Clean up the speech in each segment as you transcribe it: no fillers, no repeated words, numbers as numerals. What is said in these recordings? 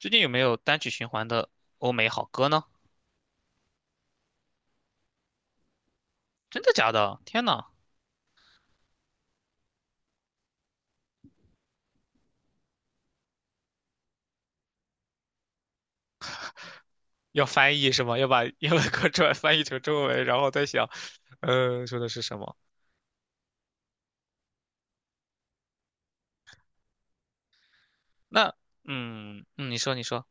最近有没有单曲循环的欧美好歌呢？真的假的？天呐，要翻译是吗？要把英文歌出来翻译成中文，然后再想，说的是什么？那嗯嗯，你说你说，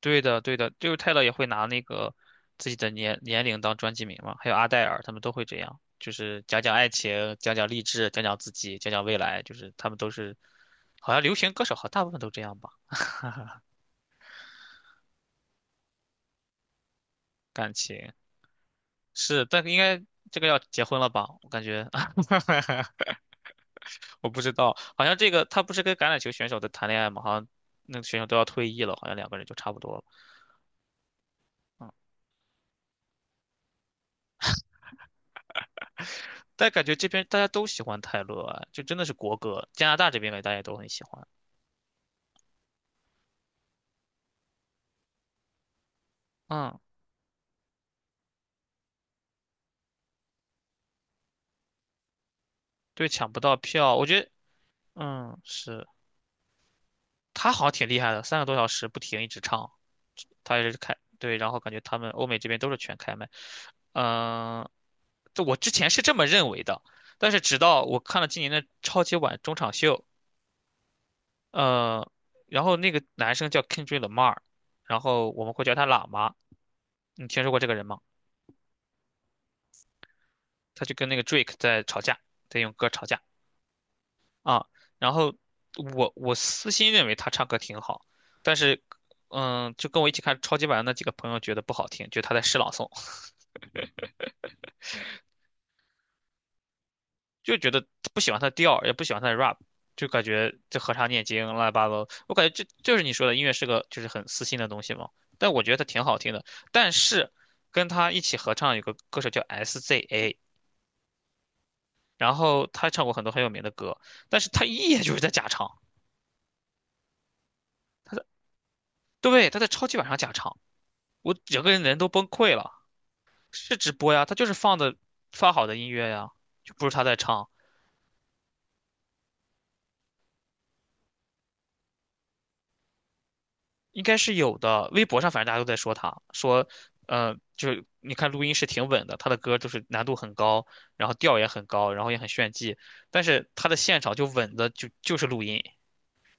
对的对的，就是泰勒也会拿那个自己的年龄当专辑名嘛，还有阿黛尔他们都会这样，就是讲讲爱情，讲讲励志，讲讲自己，讲讲未来，就是他们都是，好像流行歌手好像大部分都这样吧，感情是，但应该这个要结婚了吧？我感觉 我不知道，好像这个他不是跟橄榄球选手在谈恋爱吗？好像那个选手都要退役了，好像两个人就差不多了。嗯，但感觉这边大家都喜欢泰勒啊，就真的是国歌。加拿大这边的大家都很喜欢。嗯，对，抢不到票，我觉得，嗯，是他好像挺厉害的，3个多小时不停一直唱，他也是开，对，然后感觉他们欧美这边都是全开麦。嗯，这我之前是这么认为的，但是直到我看了今年的超级碗中场秀。呃，然后那个男生叫 Kendrick Lamar，然后我们会叫他喇嘛。你听说过这个人吗？他就跟那个 Drake 在吵架，在用歌吵架啊。然后我私心认为他唱歌挺好，但是就跟我一起看超级碗的那几个朋友觉得不好听，觉得他在诗朗诵。就觉得不喜欢他的调也不喜欢他的 rap，就感觉这合唱念经乱七八糟。我感觉这就是你说的音乐是个就是很私心的东西嘛。但我觉得他挺好听的。但是跟他一起合唱有个歌手叫 SZA，然后他唱过很多很有名的歌，但是他一眼就是在假唱，他在对，他在超级晚上假唱，我整个人都崩溃了。是直播呀，他就是放的发好的音乐呀，就不是他在唱。应该是有的。微博上反正大家都在说他，说，就是你看录音是挺稳的，他的歌就是难度很高，然后调也很高，然后也很炫技，但是他的现场就稳的就是录音，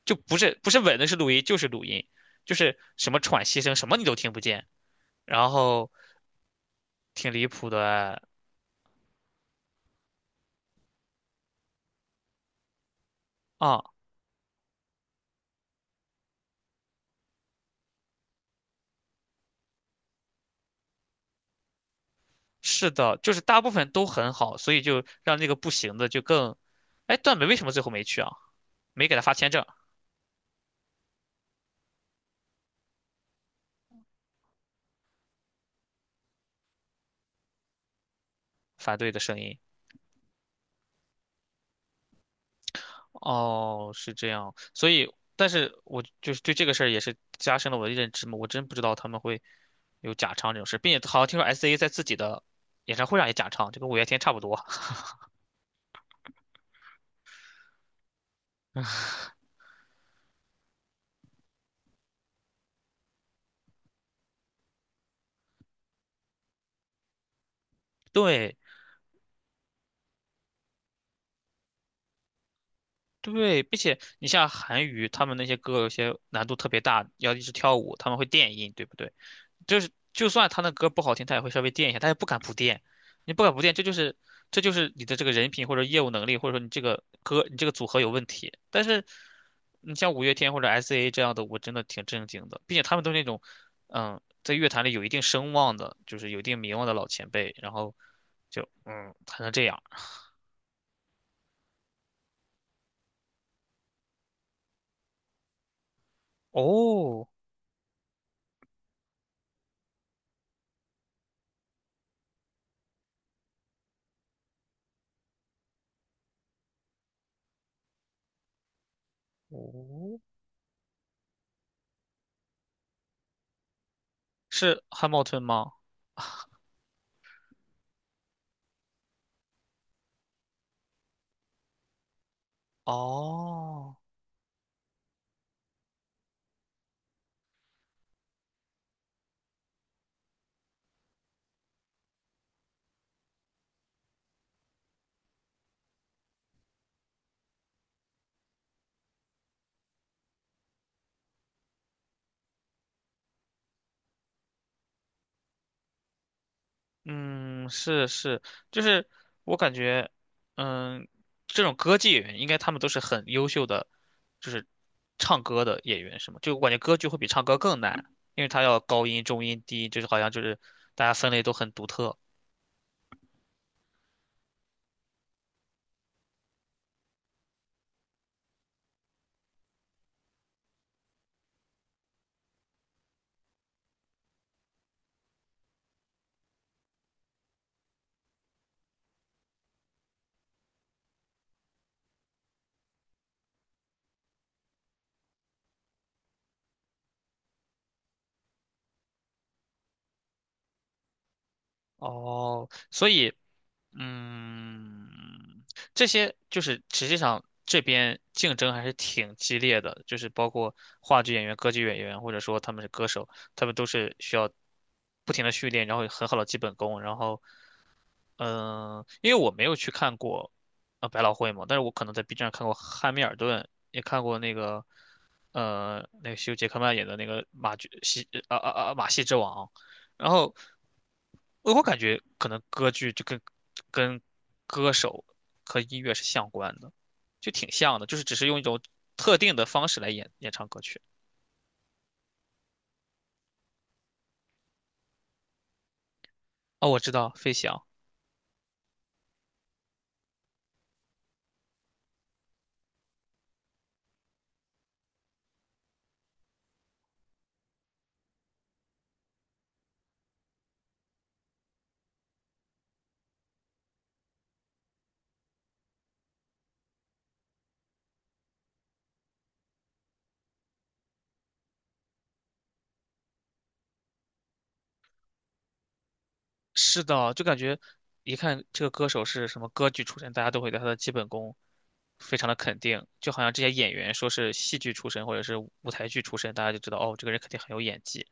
就不是稳的是录音，就是录音，就是什么喘息声什么你都听不见，然后挺离谱的哎啊。是的，就是大部分都很好，所以就让那个不行的就更，哎，段美为什么最后没去啊？没给他发签证，反对的声音。哦，是这样，所以，但是我就是对这个事儿也是加深了我的认知嘛，我真不知道他们会有假唱这种事，并且好像听说 S.A 在自己的演唱会上也假唱，就跟五月天差不多。对对，并且你像韩娱他们那些歌有些难度特别大，要一直跳舞，他们会电音，对不对？就是就算他那歌不好听，他也会稍微垫一下，他也不敢不垫。你不敢不垫，这就是你的这个人品或者业务能力，或者说你这个歌你这个组合有问题。但是你像五月天或者 S.A 这样的，我真的挺震惊的，并且他们都是那种在乐坛里有一定声望的，就是有一定名望的老前辈，然后就才能这样。哦哦，是汉茂村吗？哦。嗯，是是，就是我感觉，嗯，这种歌剧演员应该他们都是很优秀的，就是唱歌的演员，是吗？就我感觉歌剧会比唱歌更难，因为他要高音、中音、低音，就是好像就是大家分类都很独特。哦，所以嗯，这些就是实际上这边竞争还是挺激烈的，就是包括话剧演员、歌剧演员，或者说他们是歌手，他们都是需要不停的训练，然后有很好的基本功，然后因为我没有去看过百老汇嘛，但是我可能在 B 站看过《汉密尔顿》，也看过那个那个休·杰克曼演的那个马剧戏啊啊啊马戏之王，然后我感觉可能歌剧就跟歌手和音乐是相关的，就挺像的，就是只是用一种特定的方式来演唱歌曲。哦，我知道，飞翔。是的，就感觉一看这个歌手是什么歌剧出身，大家都会对他的基本功非常的肯定。就好像这些演员说是戏剧出身或者是舞台剧出身，大家就知道哦，这个人肯定很有演技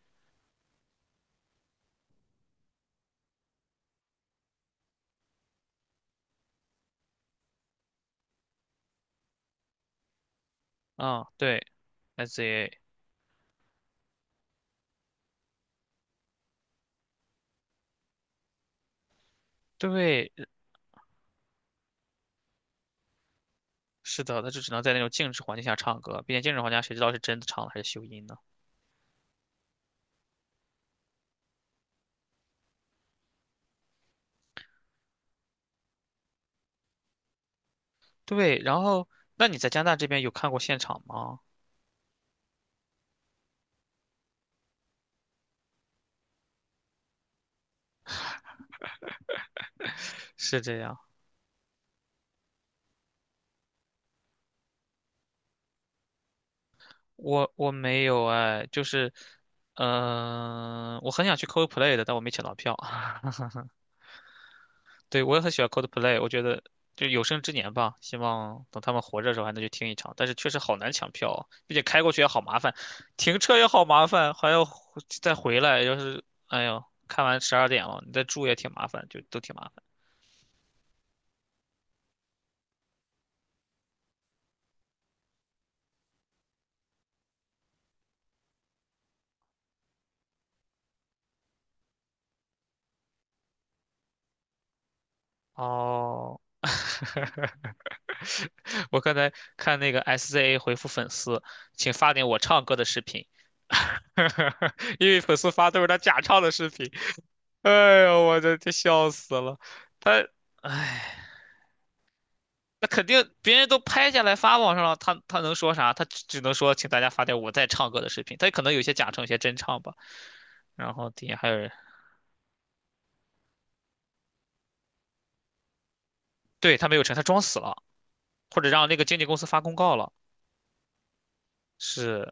啊。对，SZA，对，是的，他就只能在那种静止环境下唱歌，并且静止环境下谁知道是真的唱了还是修音呢？对，然后那你在加拿大这边有看过现场吗？是这样，我没有哎，就是，我很想去 Coldplay 的，但我没抢到票。对，我也很喜欢 Coldplay，我觉得就有生之年吧，希望等他们活着的时候还能去听一场。但是确实好难抢票啊，并且开过去也好麻烦，停车也好麻烦，还要回再回来。要是哎呦，看完12点了，你再住也挺麻烦，就都挺麻烦。哦，我刚才看那个 SZA 回复粉丝，请发点我唱歌的视频，因为粉丝发都是他假唱的视频。哎呦，我的这笑死了，他，哎。那肯定别人都拍下来发网上了，他能说啥？他只能说请大家发点我在唱歌的视频，他可能有些假唱，有些真唱吧。然后底下还有人，对，他没有成，他装死了，或者让那个经纪公司发公告了。是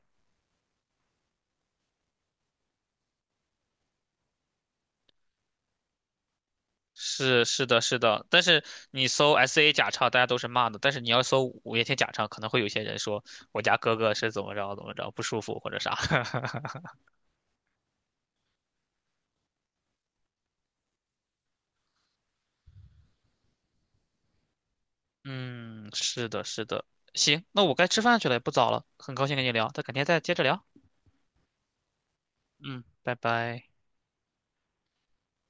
是是的，是的。但是你搜 S A 假唱，大家都是骂的。但是你要搜五月天假唱，可能会有些人说我家哥哥是怎么着怎么着不舒服或者啥。嗯，是的，是的。行，那我该吃饭去了，也不早了，很高兴跟你聊，那改天再接着聊。嗯，拜拜。